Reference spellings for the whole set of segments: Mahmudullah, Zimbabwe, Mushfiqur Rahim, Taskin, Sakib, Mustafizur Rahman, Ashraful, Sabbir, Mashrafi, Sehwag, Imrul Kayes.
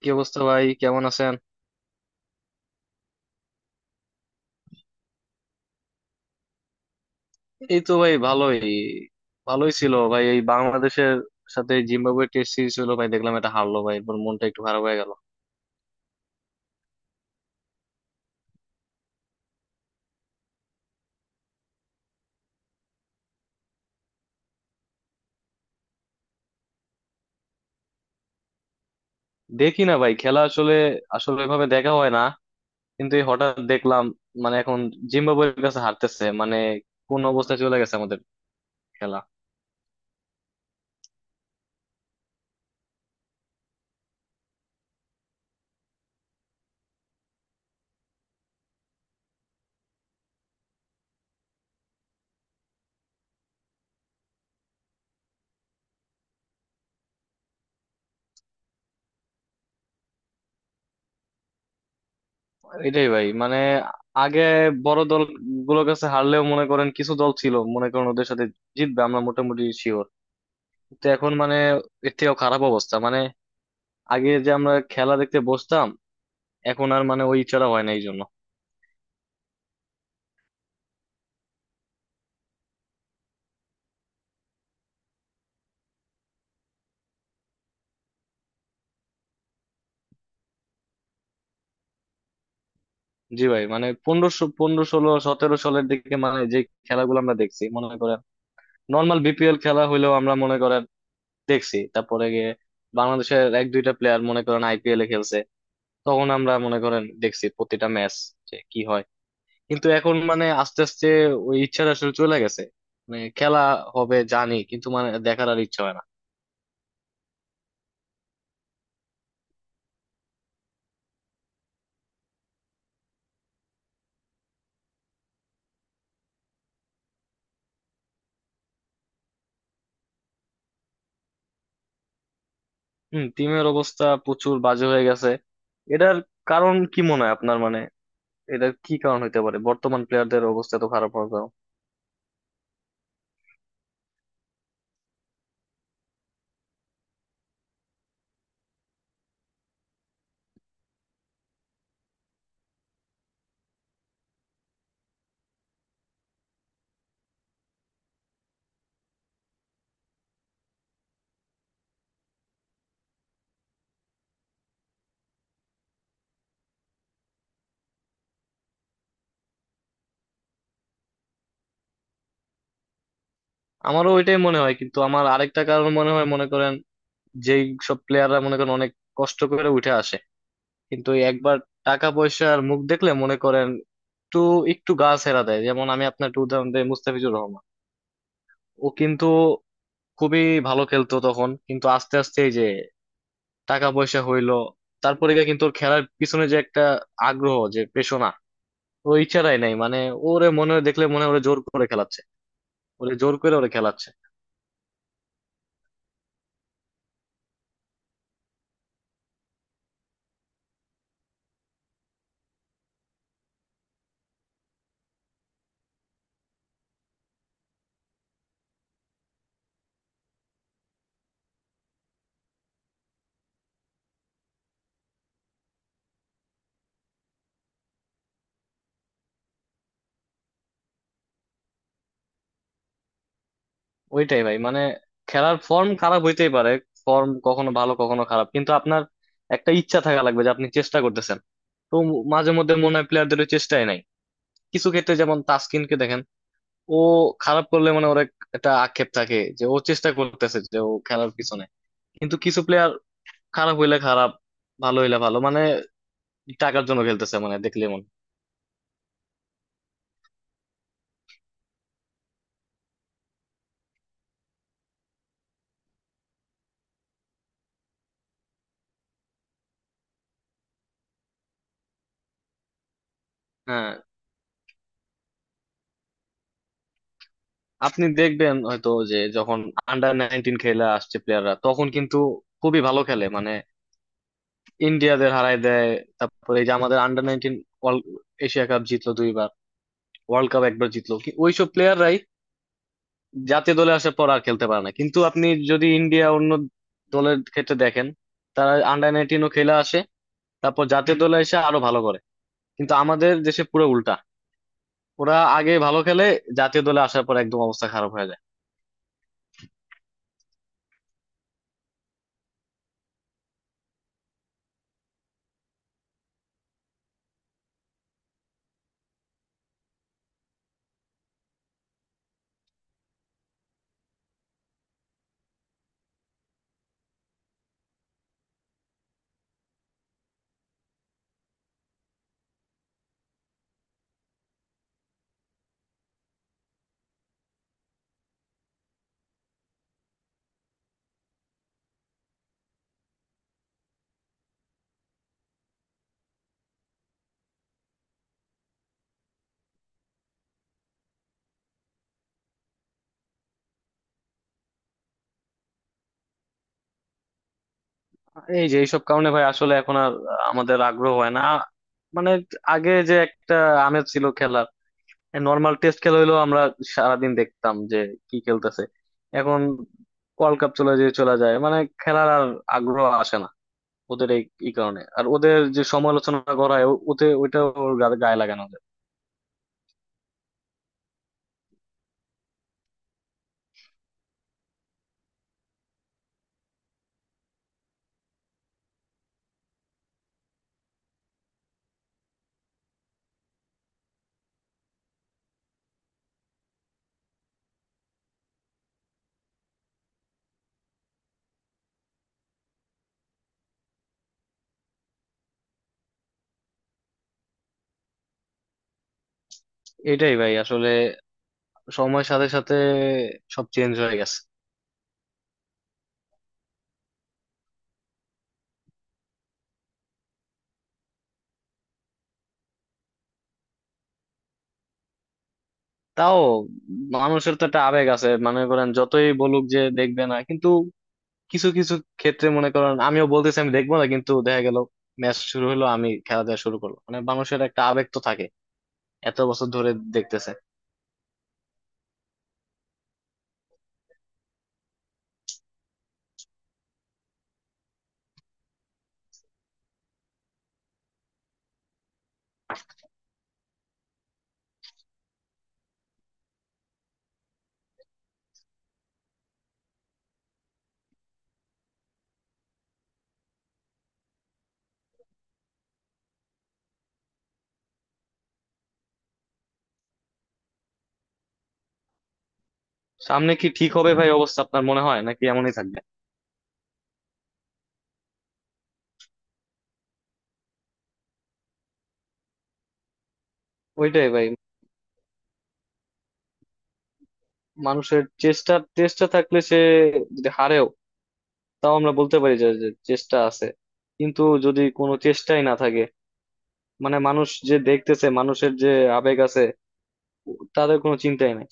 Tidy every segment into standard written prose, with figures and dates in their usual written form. কি অবস্থা ভাই, কেমন আছেন? এই তো ভাই, ভালোই। ভালোই ছিল ভাই, এই বাংলাদেশের সাথে জিম্বাবুয়ে টেস্ট সিরিজ হলো ভাই, দেখলাম এটা হারলো ভাই, এরপর মনটা একটু খারাপ হয়ে গেল। দেখি না ভাই খেলা, আসলে আসলে এভাবে দেখা হয় না, কিন্তু এই হঠাৎ দেখলাম মানে এখন জিম্বাবুয়ের কাছে হারতেছে, মানে কোন অবস্থায় চলে গেছে আমাদের খেলা। এটাই ভাই, মানে আগে বড় দল গুলোর কাছে হারলেও মনে করেন কিছু দল ছিল মনে করেন ওদের সাথে জিতবে আমরা মোটামুটি শিওর, তো এখন মানে এর থেকেও খারাপ অবস্থা, মানে আগে যে আমরা খেলা দেখতে বসতাম, এখন আর মানে ওই ইচ্ছাটা হয় না এই জন্য। জি ভাই, মানে পনেরোশো পনেরো ষোলো সতেরো সালের দিকে মানে যে খেলাগুলো আমরা দেখছি মনে করেন, নর্মাল বিপিএল খেলা হইলেও আমরা মনে করেন দেখছি, তারপরে গিয়ে বাংলাদেশের এক দুইটা প্লেয়ার মনে করেন আইপিএল এ খেলছে, তখন আমরা মনে করেন দেখছি প্রতিটা ম্যাচ যে কি হয়। কিন্তু এখন মানে আস্তে আস্তে ওই ইচ্ছাটা আসলে চলে গেছে, মানে খেলা হবে জানি কিন্তু মানে দেখার আর ইচ্ছা হয় না। হম, টিমের অবস্থা প্রচুর বাজে হয়ে গেছে। এটার কারণ কি মনে হয় আপনার? মানে এটার কি কারণ হইতে পারে বর্তমান প্লেয়ারদের অবস্থা তো খারাপ হওয়ার কারণ? আমারও ওইটাই মনে হয়, কিন্তু আমার আরেকটা কারণ মনে হয় মনে করেন যেই সব প্লেয়াররা মনে করেন অনেক কষ্ট করে উঠে আসে, কিন্তু ওই একবার টাকা পয়সার মুখ দেখলে মনে করেন একটু একটু গা ছেড়া দেয়। যেমন আমি আপনার একটু উদাহরণ দিই, মুস্তাফিজুর রহমান, ও কিন্তু খুবই ভালো খেলতো তখন, কিন্তু আস্তে আস্তে এই যে টাকা পয়সা হইলো, তারপরে গিয়ে কিন্তু ওর খেলার পিছনে যে একটা আগ্রহ যে পেশনা, ওই ইচ্ছাটাই নাই, মানে ওরে মনে হয় দেখলে মনে হয় ওরে জোর করে খেলাচ্ছে, ওরে জোর করে খেলাচ্ছে। ওইটাই ভাই, মানে খেলার ফর্ম খারাপ হইতেই পারে, ফর্ম কখনো ভালো কখনো খারাপ, কিন্তু আপনার একটা ইচ্ছা থাকা লাগবে যে আপনি চেষ্টা করতেছেন। তো মাঝে মধ্যে মনে হয় প্লেয়ারদের ওই চেষ্টাই নাই, কিছু ক্ষেত্রে যেমন তাসকিনকে দেখেন, ও খারাপ করলে মানে ওর একটা আক্ষেপ থাকে যে ও চেষ্টা করতেছে, যে ও খেলার পিছনে। কিন্তু কিছু প্লেয়ার খারাপ হইলে খারাপ, ভালো হইলে ভালো, মানে টাকার জন্য খেলতেছে মানে দেখলে মন। হ্যাঁ, আপনি দেখবেন হয়তো যে যখন আন্ডার 19 খেলে আসছে প্লেয়াররা তখন কিন্তু খুবই ভালো খেলে, মানে ইন্ডিয়াদের হারায় দেয়। তারপরে এই যে আমাদের আন্ডার 19 এশিয়া কাপ জিতলো দুইবার, ওয়ার্ল্ড কাপ একবার জিতলো, ওইসব প্লেয়াররাই জাতীয় দলে আসার পর আর খেলতে পারে না। কিন্তু আপনি যদি ইন্ডিয়া অন্য দলের ক্ষেত্রে দেখেন, তারা আন্ডার 19ও খেলে আসে, তারপর জাতীয় দলে এসে আরো ভালো করে। কিন্তু আমাদের দেশে পুরো উল্টা, ওরা আগে ভালো খেলে, জাতীয় দলে আসার পর একদম অবস্থা খারাপ হয়ে যায়। এই যে এইসব কারণে ভাই আসলে এখন আর আমাদের আগ্রহ হয় না, মানে আগে যে একটা আমেজ ছিল খেলার, নর্মাল টেস্ট খেলা হইলেও আমরা সারাদিন দেখতাম যে কি খেলতেছে। এখন ওয়ার্ল্ড কাপ চলে যায়, মানে খেলার আর আগ্রহ আসে না ওদের। এই এই কারণে আর ওদের যে সমালোচনা করা হয় ওতে ওইটা ওর গায়ে লাগানো যায়। এটাই ভাই, আসলে সময়ের সাথে সাথে সব চেঞ্জ হয়ে গেছে। তাও মানুষের তো একটা আবেগ আছে মনে করেন, যতই বলুক যে দেখবে না, কিন্তু কিছু কিছু ক্ষেত্রে মনে করেন আমিও বলতেছি আমি দেখবো না, কিন্তু দেখা গেল ম্যাচ শুরু হলো আমি খেলা দেখা শুরু করলো, মানে মানুষের একটা আবেগ তো থাকে, এত বছর ধরে দেখতেছে। সামনে কি ঠিক হবে ভাই অবস্থা আপনার মনে হয়, নাকি এমনই থাকবে? ওইটাই ভাই, মানুষের চেষ্টা চেষ্টা থাকলে সে যদি হারেও তাও আমরা বলতে পারি যে যে চেষ্টা আছে, কিন্তু যদি কোনো চেষ্টাই না থাকে, মানে মানুষ যে দেখতেছে মানুষের যে আবেগ আছে, তাদের কোনো চিন্তাই নাই।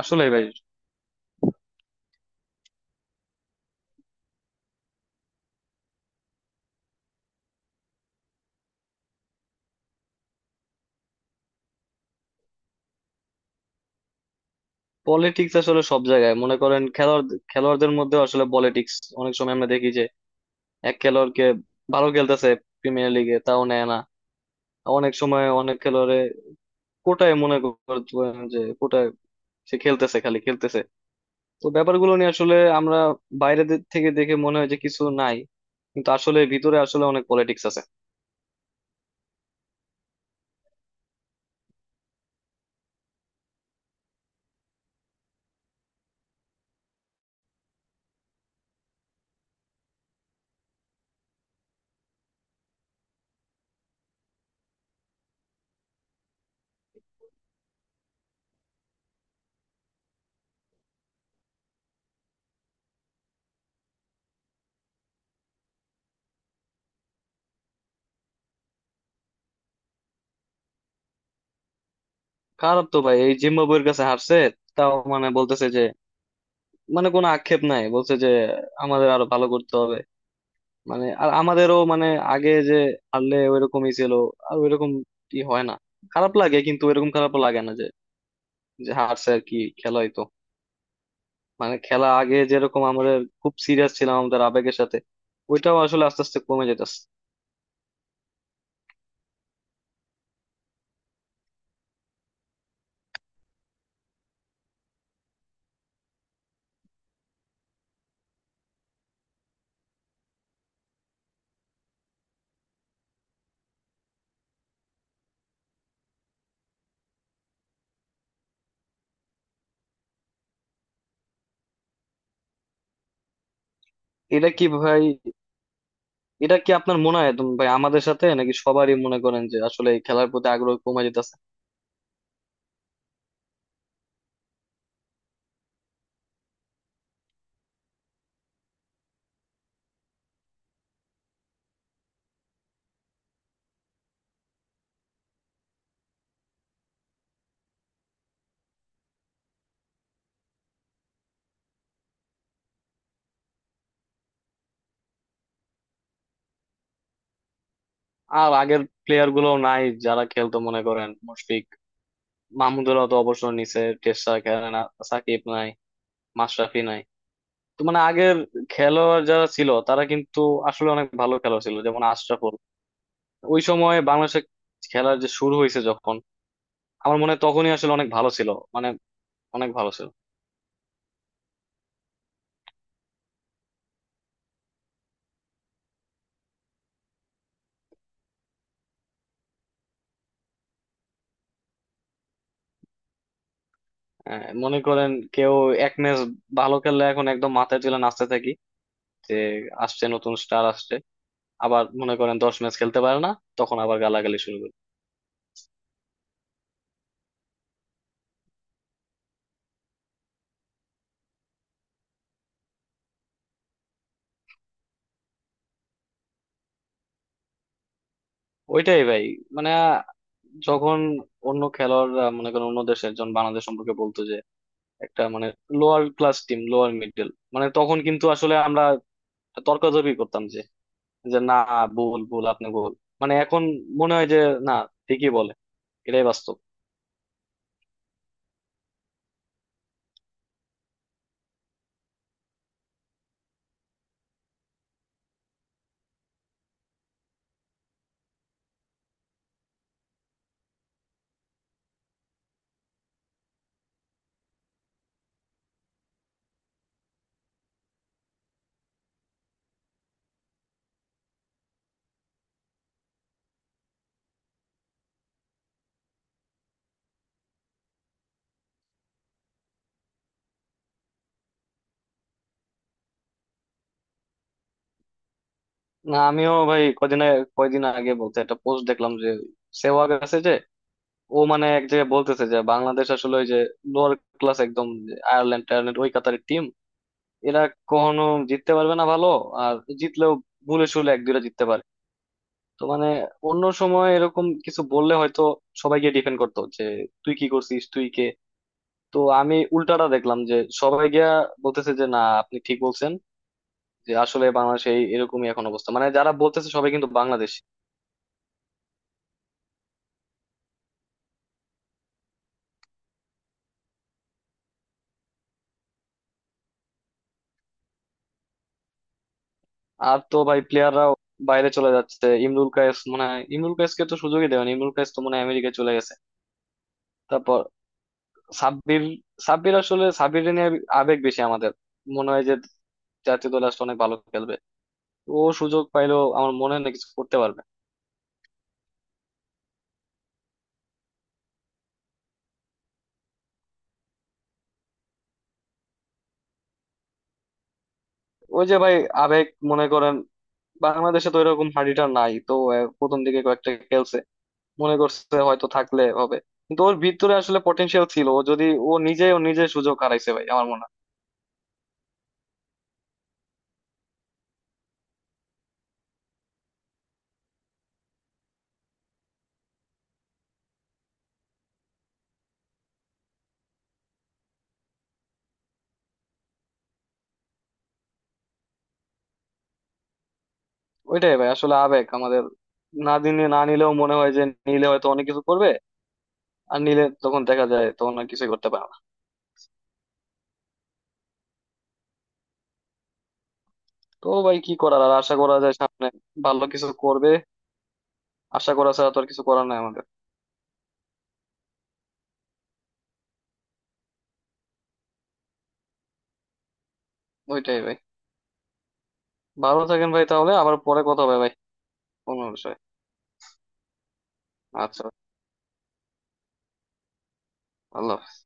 আসলে ভাই পলিটিক্স আসলে সব জায়গায় মনে করেন, খেলোয়াড়দের মধ্যে আসলে পলিটিক্স, অনেক সময় আমরা দেখি যে এক খেলোয়াড়কে ভালো খেলতেছে প্রিমিয়ার লিগে তাও নেয় না, অনেক সময় অনেক খেলোয়াড়ে কোটায় মনে করেন যে কোটায় সে খেলতেছে খালি খেলতেছে। তো ব্যাপারগুলো নিয়ে আসলে আমরা বাইরে থেকে দেখে মনে হয় যে কিছু নাই, কিন্তু আসলে ভিতরে আসলে অনেক পলিটিক্স আছে। খারাপ তো ভাই, এই জিম্বাবুয়ের কাছে হারছে, তাও মানে বলতেছে যে, মানে কোনো আক্ষেপ নাই, বলছে যে আমাদের আরো ভালো করতে হবে, মানে আর আমাদেরও মানে আগে যে হারলে ওইরকমই ছিল, আর ওইরকম কি হয় না, খারাপ লাগে কিন্তু ওইরকম খারাপ লাগে না যে যে হারছে আর কি খেলা হইতো, মানে খেলা আগে যেরকম আমাদের খুব সিরিয়াস ছিলাম আমাদের আবেগের সাথে, ওইটাও আসলে আস্তে আস্তে কমে যেতেছে। এটা কি ভাই, এটা কি আপনার মনে হয় একদম ভাই আমাদের সাথে নাকি সবারই মনে করেন যে আসলে এই খেলার প্রতি আগ্রহ কমে যেতেছে? আর আগের প্লেয়ার গুলো নাই যারা খেলতো মনে করেন, মুশফিক, মাহমুদুলাহ তো অবসর নিছে টেস্ট ছাড়া খেলে না, সাকিব নাই, মাশরাফি নাই। তো মানে আগের খেলোয়াড় যারা ছিল তারা কিন্তু আসলে অনেক ভালো খেলোয়াড় ছিল, যেমন আশরাফুল। ওই সময় বাংলাদেশে খেলার যে শুরু হয়েছে যখন, আমার মনে হয় তখনই আসলে অনেক ভালো ছিল, মানে অনেক ভালো ছিল। মনে করেন কেউ এক ম্যাচ ভালো খেললে এখন একদম মাথায় তুলে নাচতে থাকি যে আসছে নতুন স্টার আসছে, আবার মনে করেন 10 ম্যাচ খেলতে পারে না, তখন আবার গালাগালি শুরু করে। ওইটাই ভাই, মানে যখন অন্য খেলোয়াড়রা মনে করেন অন্য দেশের একজন বাংলাদেশ সম্পর্কে বলতো একটা মানে lower class team, lower middle, মানে তখন কিন্তু আসলে আমরা তর্কাতর্কি করতাম যে যে না, ভুল ভুল আপনি ভুল। মানে এখন মনে হয় যে না, ঠিকই বলে, এটাই বাস্তব। না আমিও ভাই কয়দিন আগে বলতে একটা পোস্ট দেখলাম যে সেহওয়াগ আছে যে, ও মানে এক জায়গায় বলতেছে যে বাংলাদেশ আসলে ওই যে লোয়ার ক্লাস, একদম যে আয়ারল্যান্ড টায়ারল্যান্ড ওই কাতারের টিম, এরা কখনো জিততে পারবে না ভালো, আর জিতলেও ভুলে শুলে এক দুইটা জিততে পারে। তো মানে অন্য সময় এরকম কিছু বললে হয়তো সবাই গিয়ে ডিফেন্ড করতো যে তুই কি করছিস, তুই কে। তো আমি উল্টাটা দেখলাম যে সবাই গিয়া বলতেছে যে না আপনি ঠিক বলছেন, যে আসলে বাংলাদেশে এরকমই এখন অবস্থা, মানে যারা বলতেছে সবাই, কিন্তু বাংলাদেশ। আর তো ভাই প্লেয়াররা বাইরে চলে যাচ্ছে, ইমরুল কায়েস, মানে ইমরুল কায়েসকে তো সুযোগই দেয়নি, ইমরুল কায়েস তো মনে হয় আমেরিকায় চলে গেছে, তারপর সাব্বির, সাব্বির আসলে সাব্বির নিয়ে আবেগ বেশি আমাদের, মনে হয় যে জাতীয় দল আসলে অনেক ভালো খেলবে, ও সুযোগ পাইলেও আমার মনে হয় না কিছু করতে পারবে। ওই যে ভাই আবেগ, মনে করেন বাংলাদেশে তো এরকম হাড়িটা নাই তো, প্রথম দিকে কয়েকটা খেলছে, মনে করছে হয়তো থাকলে হবে, কিন্তু ওর ভিতরে আসলে পটেনশিয়াল ছিল, ও যদি ও নিজে সুযোগ হারাইছে ভাই আমার মনে হয়। ওইটাই ভাই আসলে আবেগ আমাদের, না দিনে না নিলেও মনে হয় যে নিলে হয়তো অনেক কিছু করবে, আর নিলে তখন দেখা যায় তখন আর কিছুই করতে পারে না। তো ভাই কি করার, আর আশা করা যায় সামনে ভালো কিছু করবে, আশা করা ছাড়া তো আর কিছু করার নাই আমাদের। ওইটাই ভাই, ভালো থাকেন ভাই, তাহলে আবার পরে কথা হবে ভাই কোনো বিষয়। আচ্ছা, আল্লাহ হাফেজ।